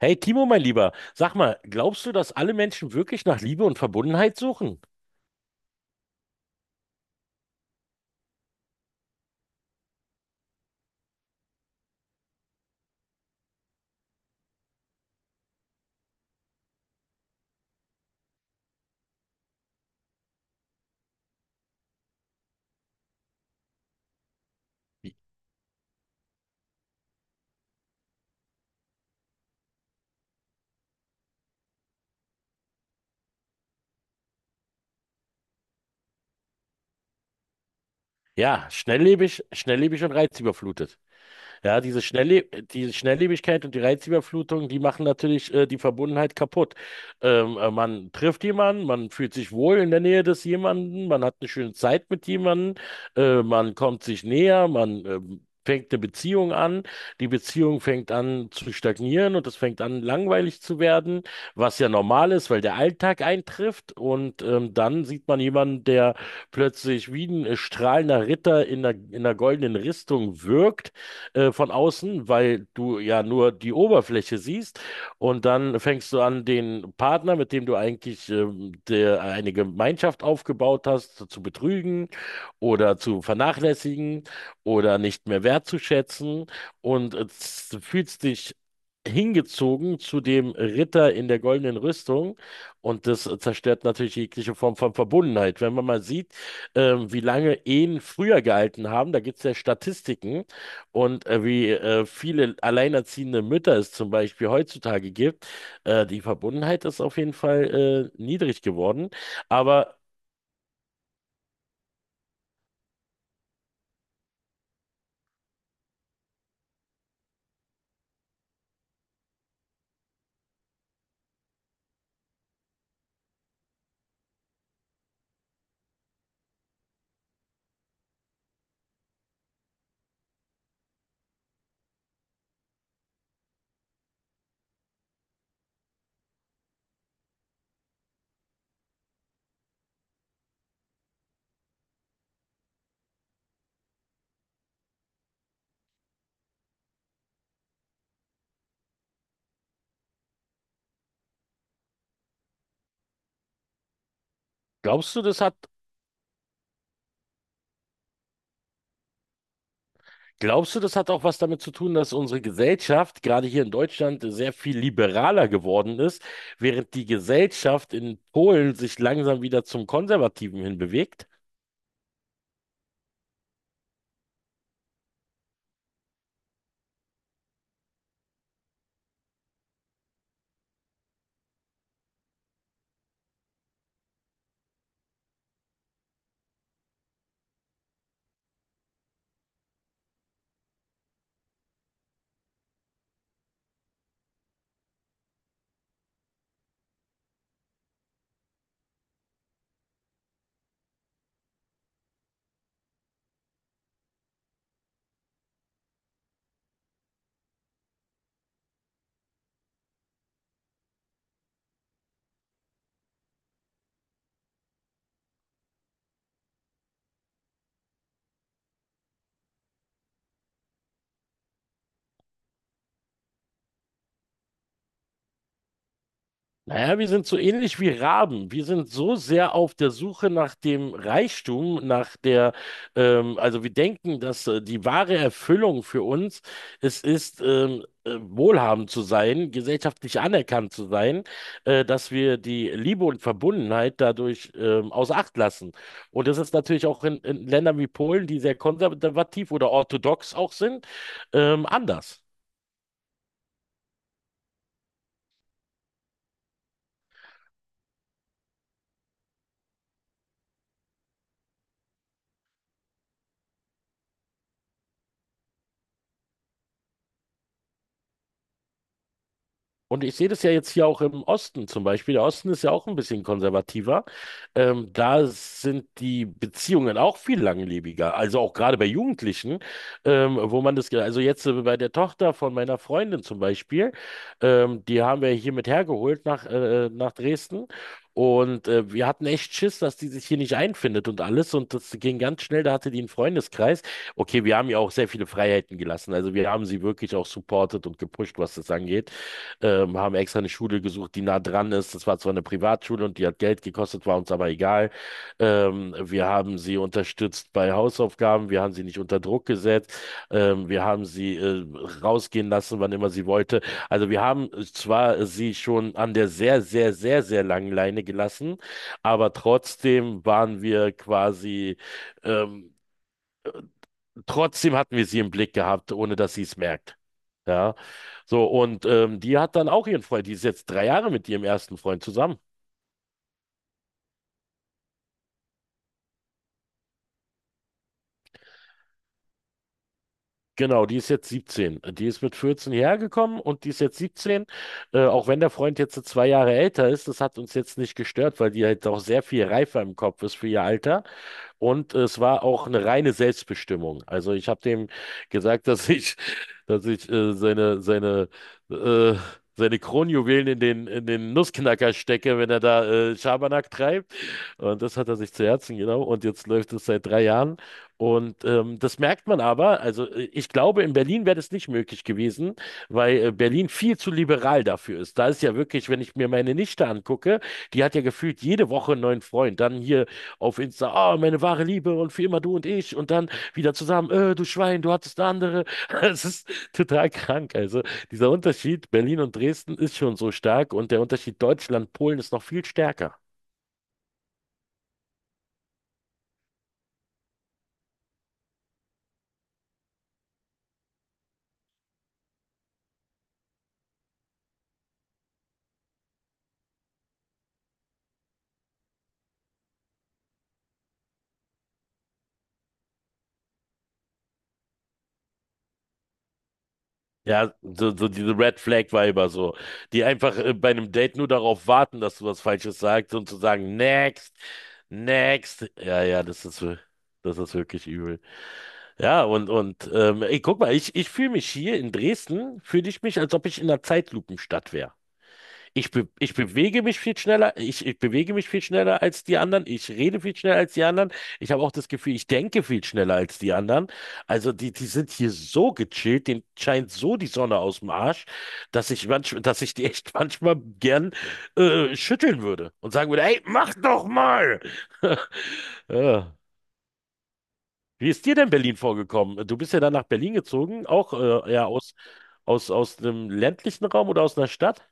Hey Timo, mein Lieber, sag mal, glaubst du, dass alle Menschen wirklich nach Liebe und Verbundenheit suchen? Ja, schnelllebig, schnelllebig und reizüberflutet. Ja, diese Schnelllebigkeit und die Reizüberflutung, die machen natürlich die Verbundenheit kaputt. Man trifft jemanden, man fühlt sich wohl in der Nähe des jemanden, man hat eine schöne Zeit mit jemanden, man kommt sich näher, man fängt eine Beziehung an, die Beziehung fängt an zu stagnieren und es fängt an langweilig zu werden, was ja normal ist, weil der Alltag eintrifft und dann sieht man jemanden, der plötzlich wie ein strahlender Ritter in einer goldenen Rüstung wirkt von außen, weil du ja nur die Oberfläche siehst. Und dann fängst du an, den Partner, mit dem du eigentlich eine Gemeinschaft aufgebaut hast, zu betrügen oder zu vernachlässigen oder nicht mehr wertzuschätzen. Und fühlst dich hingezogen zu dem Ritter in der goldenen Rüstung. Und das zerstört natürlich jegliche Form von Verbundenheit. Wenn man mal sieht, wie lange Ehen früher gehalten haben, da gibt es ja Statistiken, und wie viele alleinerziehende Mütter es zum Beispiel heutzutage gibt, die Verbundenheit ist auf jeden Fall niedrig geworden. Aber glaubst du, das hat, glaubst du, das hat auch was damit zu tun, dass unsere Gesellschaft gerade hier in Deutschland sehr viel liberaler geworden ist, während die Gesellschaft in Polen sich langsam wieder zum Konservativen hinbewegt? Naja, wir sind so ähnlich wie Raben. Wir sind so sehr auf der Suche nach dem Reichtum, also wir denken, dass die wahre Erfüllung für uns es ist, wohlhabend zu sein, gesellschaftlich anerkannt zu sein, dass wir die Liebe und Verbundenheit dadurch außer Acht lassen. Und das ist natürlich auch in Ländern wie Polen, die sehr konservativ oder orthodox auch sind, anders. Und ich sehe das ja jetzt hier auch im Osten zum Beispiel. Der Osten ist ja auch ein bisschen konservativer. Da sind die Beziehungen auch viel langlebiger. Also auch gerade bei Jugendlichen, wo man das, ge- also jetzt bei der Tochter von meiner Freundin zum Beispiel, die haben wir hier mit hergeholt nach Dresden. Und wir hatten echt Schiss, dass die sich hier nicht einfindet und alles. Und das ging ganz schnell. Da hatte die einen Freundeskreis. Okay, wir haben ihr auch sehr viele Freiheiten gelassen. Also wir haben sie wirklich auch supportet und gepusht, was das angeht, haben extra eine Schule gesucht, die nah dran ist. Das war zwar eine Privatschule und die hat Geld gekostet, war uns aber egal. Wir haben sie unterstützt bei Hausaufgaben, wir haben sie nicht unter Druck gesetzt, wir haben sie rausgehen lassen, wann immer sie wollte. Also wir haben zwar sie schon an der sehr, sehr, sehr, sehr langen Leine gelassen, aber ähm, Trotzdem hatten wir sie im Blick gehabt, ohne dass sie es merkt. Ja, so und die hat dann auch ihren Freund. Die ist jetzt drei Jahre mit ihrem ersten Freund zusammen. Genau, die ist jetzt 17. Die ist mit 14 hierher gekommen und die ist jetzt 17. Auch wenn der Freund jetzt so 2 Jahre älter ist, das hat uns jetzt nicht gestört, weil die halt auch sehr viel reifer im Kopf ist für ihr Alter. Und es war auch eine reine Selbstbestimmung. Also ich habe dem gesagt, dass ich äh, seine Kronjuwelen in den Nussknacker stecke, wenn er da Schabernack treibt. Und das hat er sich zu Herzen genommen. Und jetzt läuft es seit 3 Jahren. Und das merkt man aber. Also ich glaube, in Berlin wäre das nicht möglich gewesen, weil Berlin viel zu liberal dafür ist. Da ist ja wirklich, wenn ich mir meine Nichte angucke, die hat ja gefühlt jede Woche einen neuen Freund. Dann hier auf Insta, ah, meine wahre Liebe und für immer du und ich und dann wieder zusammen, du Schwein, du hattest eine andere. Es ist total krank. Also dieser Unterschied Berlin und Dresden ist schon so stark und der Unterschied Deutschland, Polen ist noch viel stärker. Ja, so diese Red Flag Weiber so, die einfach bei einem Date nur darauf warten, dass du was Falsches sagst und zu sagen, next, next. Ja, ja, das ist wirklich übel. Ja, und ey, guck mal, ich fühle mich hier in Dresden, fühle ich mich, als ob ich in einer Zeitlupenstadt wäre. Ich bewege mich viel schneller, ich bewege mich viel schneller als die anderen, ich rede viel schneller als die anderen. Ich habe auch das Gefühl, ich denke viel schneller als die anderen. Also die sind hier so gechillt, denen scheint so die Sonne aus dem Arsch, dass ich dass ich die echt manchmal gern schütteln würde und sagen würde, ey, mach doch mal! Ja. Wie ist dir denn Berlin vorgekommen? Du bist ja dann nach Berlin gezogen, auch ja aus einem ländlichen Raum oder aus einer Stadt?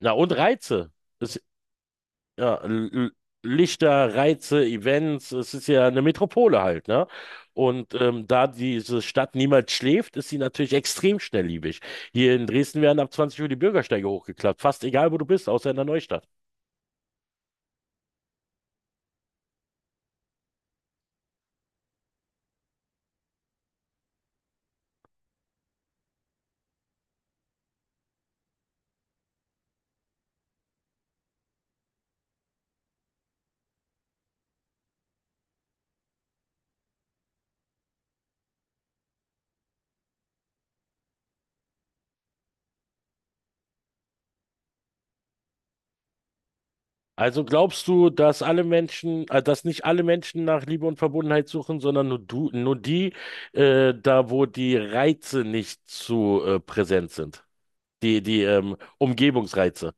Na, und Reize. Es, ja, L- L- Lichter, Reize, Events, es ist ja eine Metropole halt, ne? Und da diese Stadt niemals schläft, ist sie natürlich extrem schnelllebig. Hier in Dresden werden ab 20 Uhr die Bürgersteige hochgeklappt, fast egal, wo du bist, außer in der Neustadt. Also glaubst du, dass alle Menschen, dass nicht alle Menschen nach Liebe und Verbundenheit suchen, sondern nur du, nur die, da wo die Reize nicht zu präsent sind, die Umgebungsreize.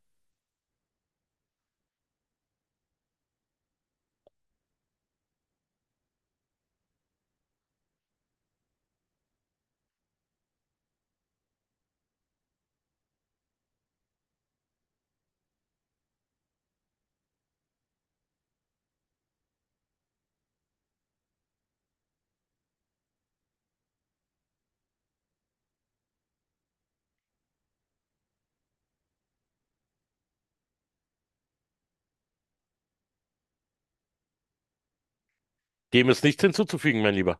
Dem ist nichts hinzuzufügen, mein Lieber.